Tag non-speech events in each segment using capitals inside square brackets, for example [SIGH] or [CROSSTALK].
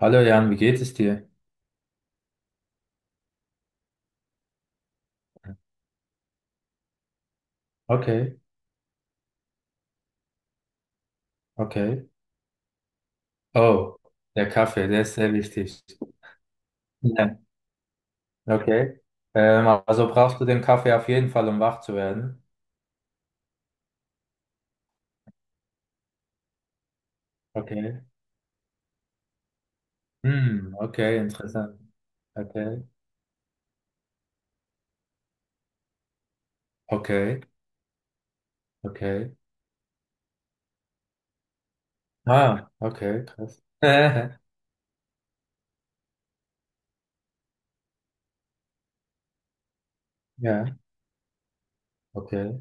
Hallo Jan, wie geht es dir? Okay, okay. Oh, der Kaffee, der ist sehr wichtig. Ja, okay. Also brauchst du den Kaffee auf jeden Fall, um wach zu werden. Okay. Hm, okay, interessant. Okay, okay, okay. Ah, okay, krass. [LAUGHS] Ja, okay.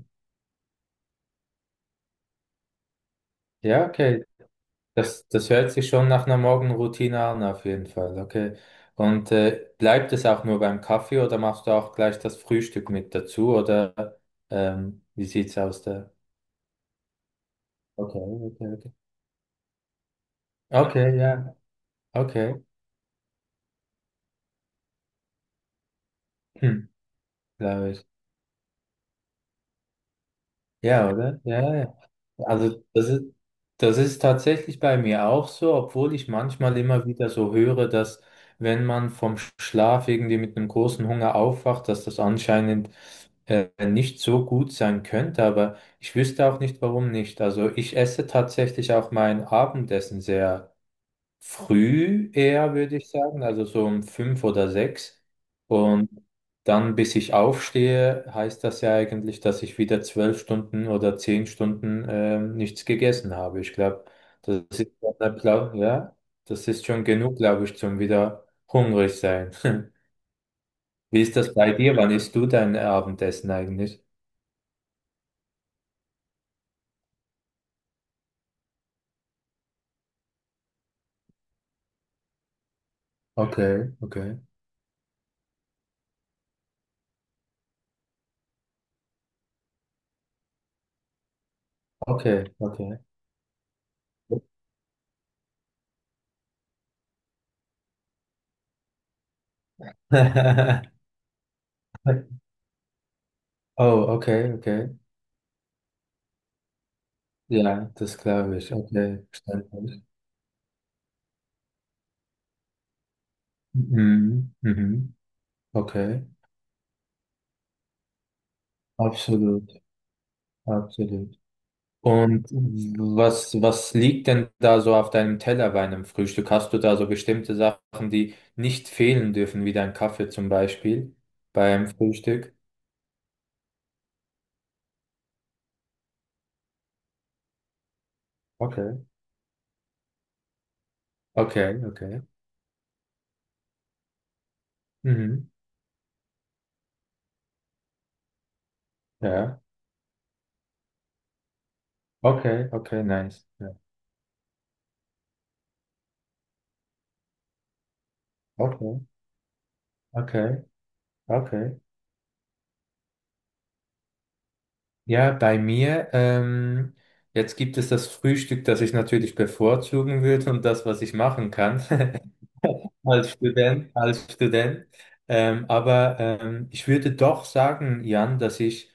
Ja, okay. Das hört sich schon nach einer Morgenroutine an, auf jeden Fall. Okay. Und bleibt es auch nur beim Kaffee oder machst du auch gleich das Frühstück mit dazu? Oder wie sieht's aus da? Okay, okay, okay. Okay, ja, okay. Hm, glaube ich. Ja, oder? Ja, ja. Also das ist, Das ist tatsächlich bei mir auch so, obwohl ich manchmal immer wieder so höre, dass wenn man vom Schlaf irgendwie mit einem großen Hunger aufwacht, dass das anscheinend nicht so gut sein könnte, aber ich wüsste auch nicht, warum nicht. Also ich esse tatsächlich auch mein Abendessen sehr früh eher, würde ich sagen, also so um fünf oder sechs. Und dann, bis ich aufstehe, heißt das ja eigentlich, dass ich wieder zwölf Stunden oder zehn Stunden nichts gegessen habe. Ich glaube, das ist schon der Plan, ja, das ist schon genug, glaube ich, zum wieder hungrig sein. [LAUGHS] Wie ist das bei dir? Wann isst du dein Abendessen eigentlich? Okay, okay, okay, okay. [LAUGHS] Oh, okay, okay. Ja, das glaube ich. Okay, verstanden. Mhm. Mhm. Okay, absolut, absolut. Und was liegt denn da so auf deinem Teller bei einem Frühstück? Hast du da so bestimmte Sachen, die nicht fehlen dürfen, wie dein Kaffee zum Beispiel beim Frühstück? Okay, okay, okay. Mhm. Ja, okay, okay, nice. Ja. Okay, okay, okay. Ja, bei mir, jetzt gibt es das Frühstück, das ich natürlich bevorzugen würde und das, was ich machen kann. [LAUGHS] Als Student, als Student. Aber ich würde doch sagen, Jan, dass ich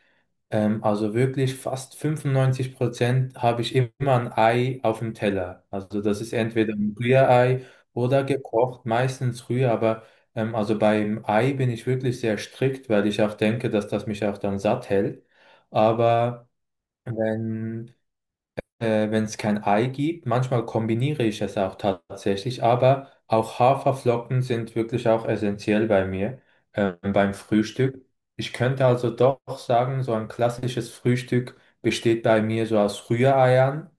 also wirklich fast 95% habe ich immer ein Ei auf dem Teller. Also das ist entweder ein Rührei oder gekocht, meistens Rührei, aber also beim Ei bin ich wirklich sehr strikt, weil ich auch denke, dass das mich auch dann satt hält. Aber wenn wenn es kein Ei gibt. Manchmal kombiniere ich es auch tatsächlich, aber auch Haferflocken sind wirklich auch essentiell bei mir, beim Frühstück. Ich könnte also doch sagen, so ein klassisches Frühstück besteht bei mir so aus Rühreiern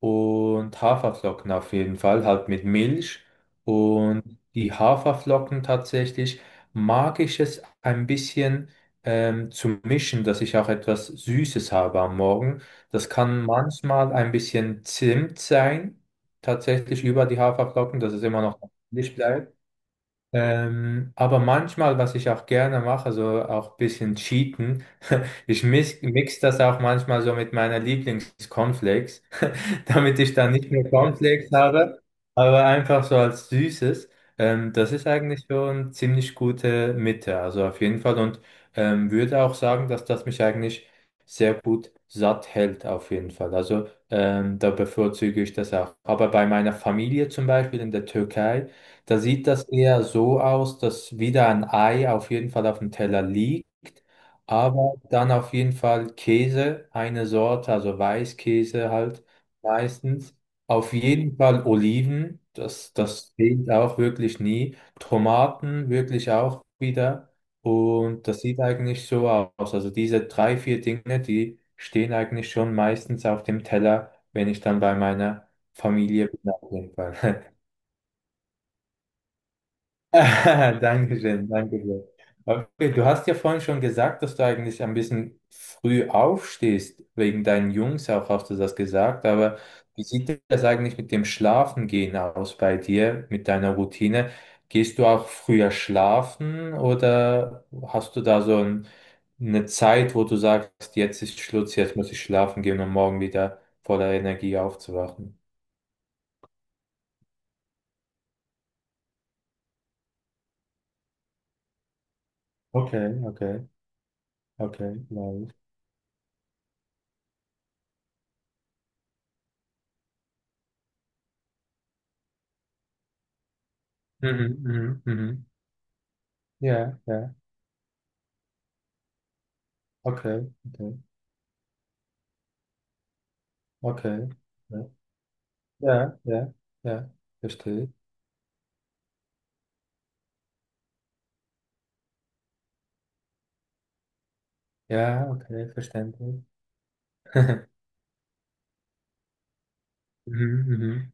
und Haferflocken auf jeden Fall, halt mit Milch. Und die Haferflocken tatsächlich mag ich es ein bisschen zu mischen, dass ich auch etwas Süßes habe am Morgen. Das kann manchmal ein bisschen Zimt sein, tatsächlich über die Haferflocken, dass es immer noch nicht bleibt. Aber manchmal, was ich auch gerne mache, so auch ein bisschen cheaten, [LAUGHS] ich mix das auch manchmal so mit meiner Lieblings-Cornflakes, [LAUGHS] damit ich dann nicht nur Cornflakes habe, aber einfach so als Süßes. Das ist eigentlich schon ziemlich gute Mitte, also auf jeden Fall. Und würde auch sagen, dass das mich eigentlich sehr gut satt hält, auf jeden Fall. Also da bevorzuge ich das auch. Aber bei meiner Familie zum Beispiel in der Türkei, da sieht das eher so aus, dass wieder ein Ei auf jeden Fall auf dem Teller liegt, aber dann auf jeden Fall Käse, eine Sorte, also Weißkäse halt meistens. Auf jeden Fall Oliven, das fehlt auch wirklich nie. Tomaten wirklich auch wieder. Und das sieht eigentlich so aus. Also diese drei, vier Dinge, die stehen eigentlich schon meistens auf dem Teller, wenn ich dann bei meiner Familie bin, auf jeden Fall. [LAUGHS] [LAUGHS] Dankeschön, Dankeschön. Okay, du hast ja vorhin schon gesagt, dass du eigentlich ein bisschen früh aufstehst, wegen deinen Jungs auch, hast du das gesagt, aber wie sieht das eigentlich mit dem Schlafengehen aus bei dir, mit deiner Routine? Gehst du auch früher schlafen oder hast du da so ein, eine Zeit, wo du sagst, jetzt ist Schluss, jetzt muss ich schlafen gehen, um morgen wieder voller Energie aufzuwachen? Okay, okay, okay, nice. Mhm, mhm, mhm. Ja, ja. Okay, okay, okay. Ja, ja, ja, ja, verstehe. Ja, okay, verständlich. [LAUGHS] Mhm, mhm.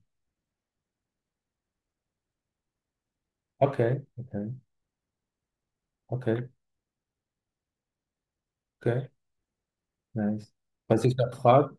Okay, okay, okay, okay, nice. Was ich noch frage,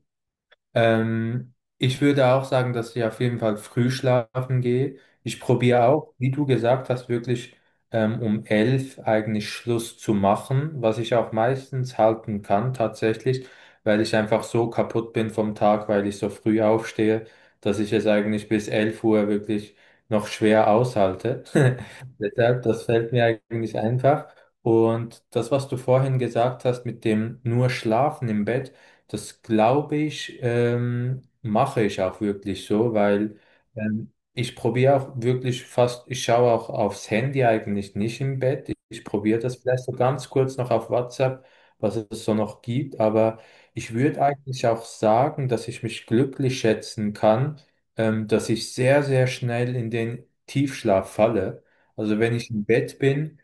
Ich würde auch sagen, dass ich auf jeden Fall früh schlafen gehe. Ich probiere auch, wie du gesagt hast, wirklich um 11 eigentlich Schluss zu machen, was ich auch meistens halten kann tatsächlich, weil ich einfach so kaputt bin vom Tag, weil ich so früh aufstehe, dass ich es eigentlich bis 11 Uhr wirklich noch schwer aushalte. [LAUGHS] Deshalb, das fällt mir eigentlich einfach. Und das, was du vorhin gesagt hast mit dem nur Schlafen im Bett, das glaube ich, mache ich auch wirklich so, weil ich probiere auch wirklich fast, ich schaue auch aufs Handy eigentlich nicht im Bett. Ich probiere das vielleicht so ganz kurz noch auf WhatsApp, was es so noch gibt. Aber ich würde eigentlich auch sagen, dass ich mich glücklich schätzen kann, dass ich sehr, sehr schnell in den Tiefschlaf falle. Also wenn ich im Bett bin,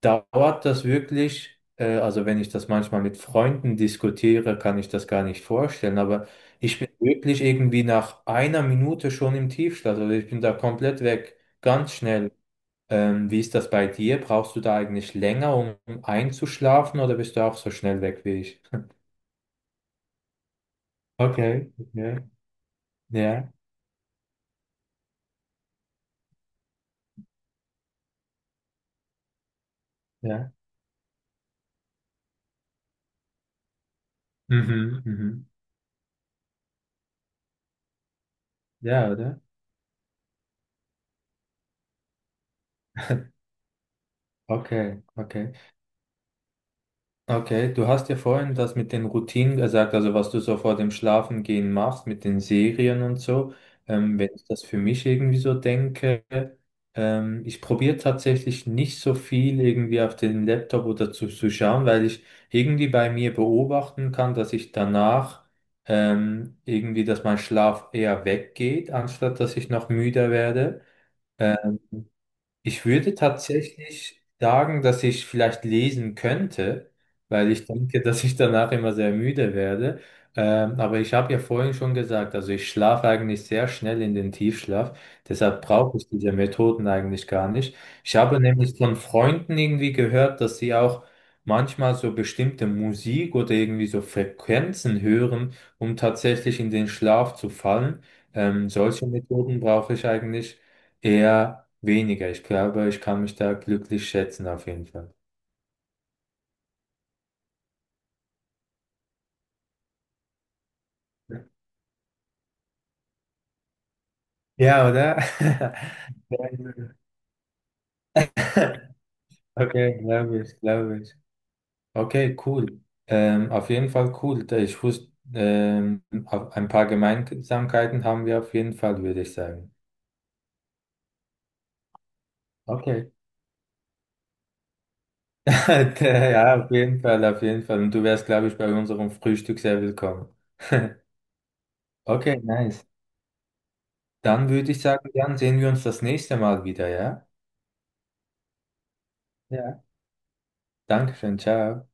dauert das wirklich, also wenn ich das manchmal mit Freunden diskutiere, kann ich das gar nicht vorstellen, aber ich bin wirklich irgendwie nach einer Minute schon im Tiefschlaf, also ich bin da komplett weg, ganz schnell. Wie ist das bei dir? Brauchst du da eigentlich länger, um einzuschlafen oder bist du auch so schnell weg wie ich? [LAUGHS] Okay, okay. Ja, ja. Mhm, mhm. Ja, oder? Okay, okay. Okay, du hast ja vorhin das mit den Routinen gesagt, also was du so vor dem Schlafengehen machst, mit den Serien und so. Wenn ich das für mich irgendwie so denke, ich probiere tatsächlich nicht so viel irgendwie auf den Laptop oder zu schauen, weil ich irgendwie bei mir beobachten kann, dass ich danach irgendwie, dass mein Schlaf eher weggeht, anstatt dass ich noch müder werde. Äh, ich würde tatsächlich sagen, dass ich vielleicht lesen könnte, weil ich denke, [LAUGHS] dass ich danach immer sehr müde werde. Aber ich habe ja vorhin schon gesagt, also ich schlafe eigentlich sehr schnell in den Tiefschlaf. Deshalb brauche ich diese Methoden eigentlich gar nicht. Ich habe nämlich von Freunden irgendwie gehört, dass sie auch manchmal so bestimmte Musik oder irgendwie so Frequenzen hören, um tatsächlich in den Schlaf zu fallen. Solche Methoden brauche ich eigentlich. Eher weniger. Ich glaube, ich kann mich da glücklich schätzen auf jeden Fall. Ja, oder? [LAUGHS] Ja. Okay, glaube ich, glaube ich. Okay, cool. Auf jeden Fall cool. Da ich wusste, auf- ein paar Gemeinsamkeiten haben wir auf jeden Fall, würde ich sagen. Okay. [LAUGHS] Ja, auf jeden Fall, auf jeden Fall. Und du wärst, glaube ich, bei unserem Frühstück sehr willkommen. [LAUGHS] Okay, nice. Dann würde ich sagen, dann sehen wir uns das nächste Mal wieder, ja? Ja. Dankeschön, ciao.